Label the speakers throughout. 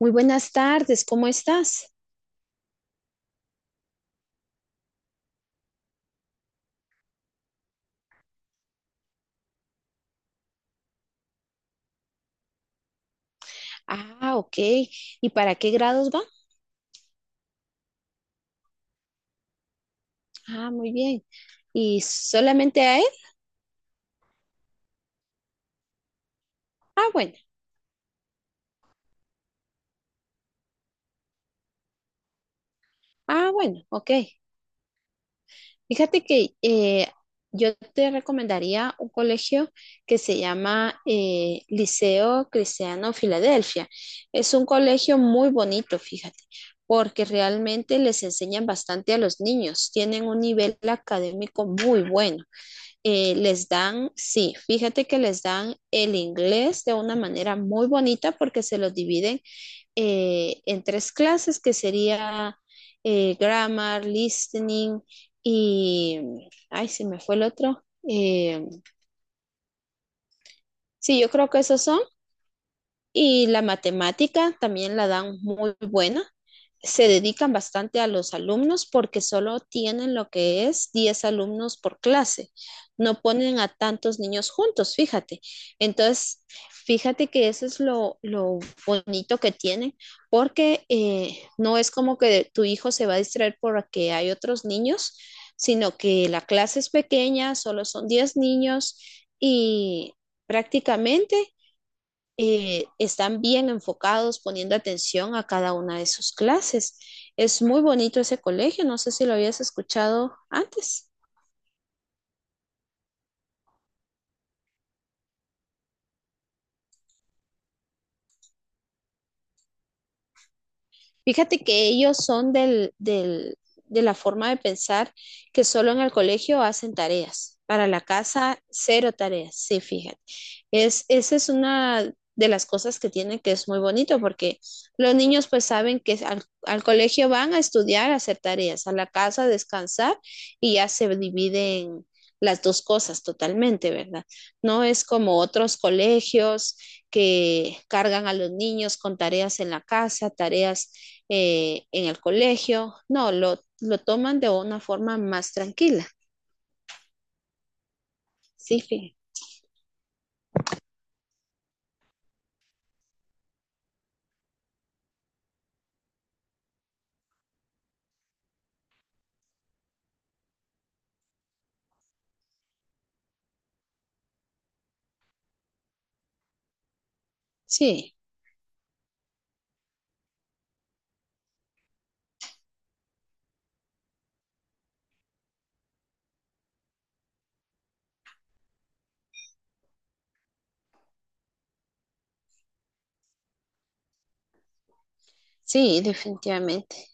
Speaker 1: Muy buenas tardes, ¿cómo estás? Ah, ok. ¿Y para qué grados va? Ah, muy bien. ¿Y solamente a él? Ah, bueno. Ah, bueno, ok. Fíjate que yo te recomendaría un colegio que se llama Liceo Cristiano Filadelfia. Es un colegio muy bonito, fíjate, porque realmente les enseñan bastante a los niños. Tienen un nivel académico muy bueno. Les dan, sí, fíjate que les dan el inglés de una manera muy bonita porque se lo dividen en tres clases que sería grammar, listening y, ay, se me fue el otro. Eh, sí, yo creo que esos son. Y la matemática también la dan muy buena. Se dedican bastante a los alumnos porque solo tienen lo que es 10 alumnos por clase. No ponen a tantos niños juntos, fíjate. Entonces, fíjate que eso es lo bonito que tienen porque no es como que tu hijo se va a distraer porque hay otros niños, sino que la clase es pequeña, solo son 10 niños y prácticamente están bien enfocados, poniendo atención a cada una de sus clases. Es muy bonito ese colegio, no sé si lo habías escuchado antes. Fíjate que ellos son de la forma de pensar que solo en el colegio hacen tareas. Para la casa, cero tareas. Sí, fíjate. Esa es una de las cosas que tienen que es muy bonito porque los niños pues saben que al colegio van a estudiar, a hacer tareas, a la casa a descansar y ya se dividen las dos cosas totalmente, ¿verdad? No es como otros colegios que cargan a los niños con tareas en la casa, tareas en el colegio. No, lo toman de una forma más tranquila. Sí, fíjate. Sí, sí, definitivamente.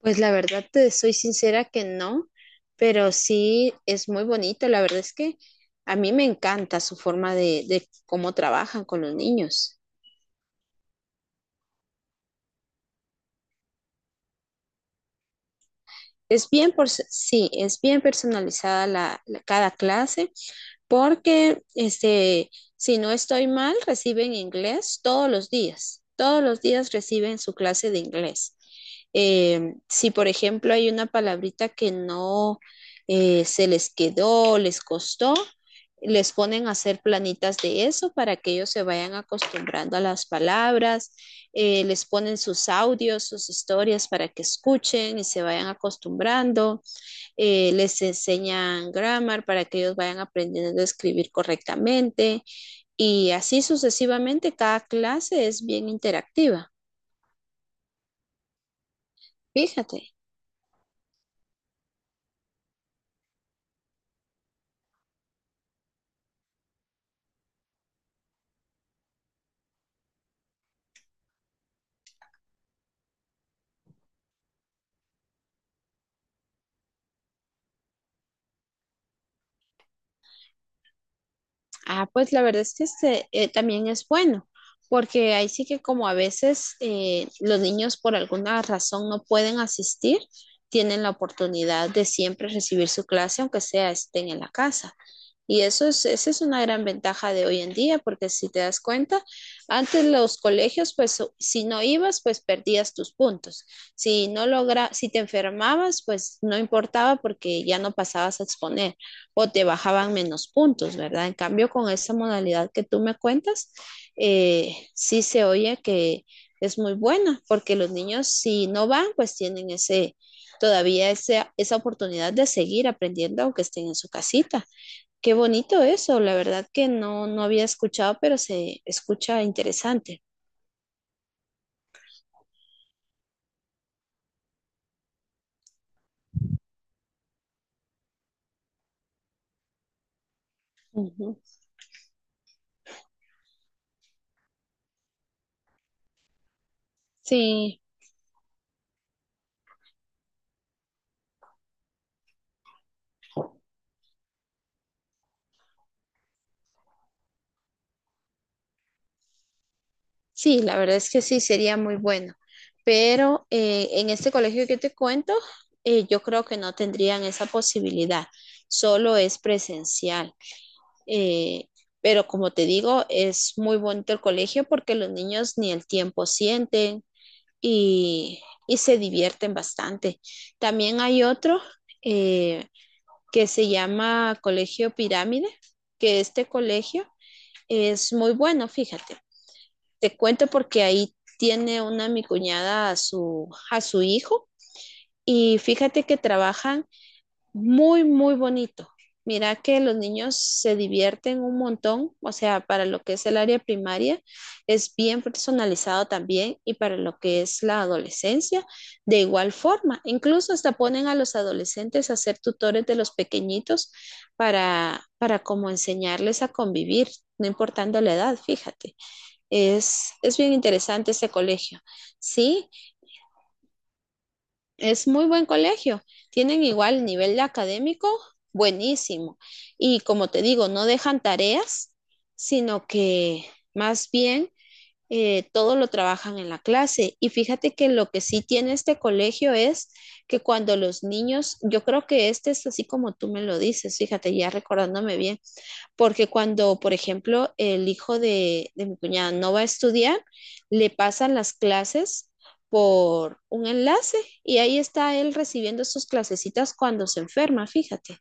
Speaker 1: Pues la verdad te soy sincera que no, pero sí es muy bonito. La verdad es que a mí me encanta su forma de cómo trabajan con los niños. Es bien, por, sí, es bien personalizada cada clase porque este, si no estoy mal, reciben inglés todos los días. Todos los días reciben su clase de inglés. Si, por ejemplo, hay una palabrita que no se les quedó, les costó, les ponen a hacer planitas de eso para que ellos se vayan acostumbrando a las palabras, les ponen sus audios, sus historias para que escuchen y se vayan acostumbrando les enseñan grammar para que ellos vayan aprendiendo a escribir correctamente y así sucesivamente cada clase es bien interactiva. Fíjate, ah, pues la verdad es que este, también es bueno, porque ahí sí que como a veces los niños por alguna razón no pueden asistir, tienen la oportunidad de siempre recibir su clase, aunque sea estén en la casa. Y eso esa es una gran ventaja de hoy en día, porque si te das cuenta, antes los colegios, pues o- si no ibas, pues perdías tus puntos. Si no logra, si te enfermabas, pues no importaba porque ya no pasabas a exponer o te bajaban menos puntos, ¿verdad? En cambio, con esa modalidad que tú me cuentas, sí se oye que es muy buena, porque los niños si no van, pues tienen ese, todavía ese- esa oportunidad de seguir aprendiendo aunque estén en su casita. Qué bonito eso, la verdad que no, no había escuchado, pero se escucha interesante. Ujú. Sí, sí, la verdad es que sí, sería muy bueno. Pero en este colegio que te cuento, yo creo que no tendrían esa posibilidad, solo es presencial. Eh, pero como te digo, es muy bonito el colegio porque los niños ni el tiempo sienten y, y se divierten bastante. También hay otro. eh, que se llama Colegio Pirámide, que este colegio es muy bueno, fíjate. Te cuento porque ahí tiene una mi cuñada a su hijo y fíjate que trabajan muy, muy bonito. Mira que los niños se divierten un montón, o sea, para lo que es el área primaria es bien personalizado también y para lo que es la adolescencia de igual forma. Incluso hasta ponen a los adolescentes a ser tutores de los pequeñitos para como enseñarles a convivir, no importando la edad, fíjate. Es bien interesante este colegio. Sí, es muy buen colegio. Tienen igual nivel académico, buenísimo. Y como te digo, no dejan tareas, sino que más bien todo lo trabajan en la clase. Y fíjate que lo que sí tiene este colegio es que cuando los niños, yo creo que este es así como tú me lo dices, fíjate, ya recordándome bien, porque cuando, por ejemplo, el hijo de mi cuñada no va a estudiar, le pasan las clases por un enlace y ahí está él recibiendo sus clasecitas cuando se enferma, fíjate,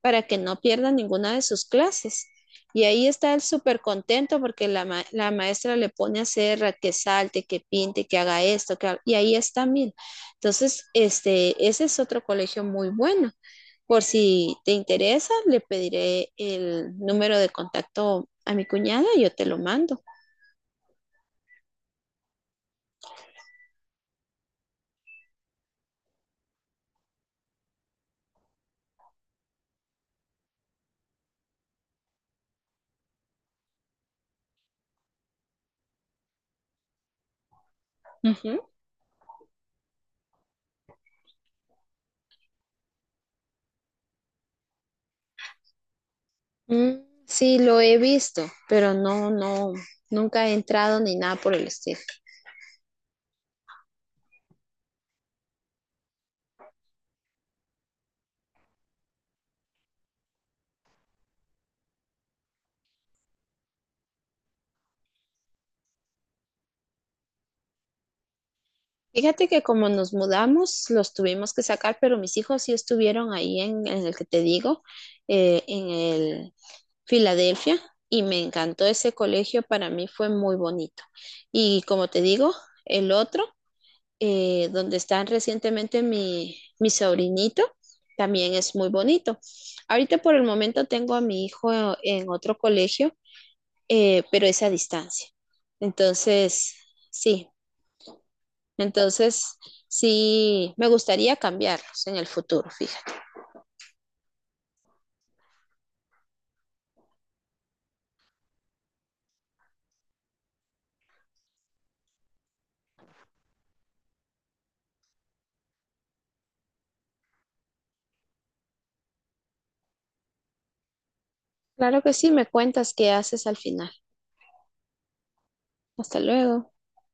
Speaker 1: para que no pierda ninguna de sus clases. Y ahí está él súper contento porque la, ma- la maestra le pone a hacer a que salte, que pinte, que haga esto, que ha- y ahí está Mil. Entonces, este, ese es otro colegio muy bueno. Por si te interesa, le pediré el número de contacto a mi cuñada y yo te lo mando. Ujú. Mm, sí, lo he visto, pero no, no, nunca he entrado ni nada por el estilo. Fíjate que como nos mudamos, los tuvimos que sacar, pero mis hijos sí estuvieron ahí en el que te digo, en el Filadelfia, y me encantó ese colegio, para mí fue muy bonito. Y como te digo, el otro donde está recientemente mi sobrinito, también es muy bonito. Ahorita por el momento tengo a mi hijo en otro colegio, pero es a distancia. Entonces, sí, entonces sí, me gustaría cambiarlos en el futuro, fíjate. Claro que sí, me cuentas qué haces al final. Hasta luego.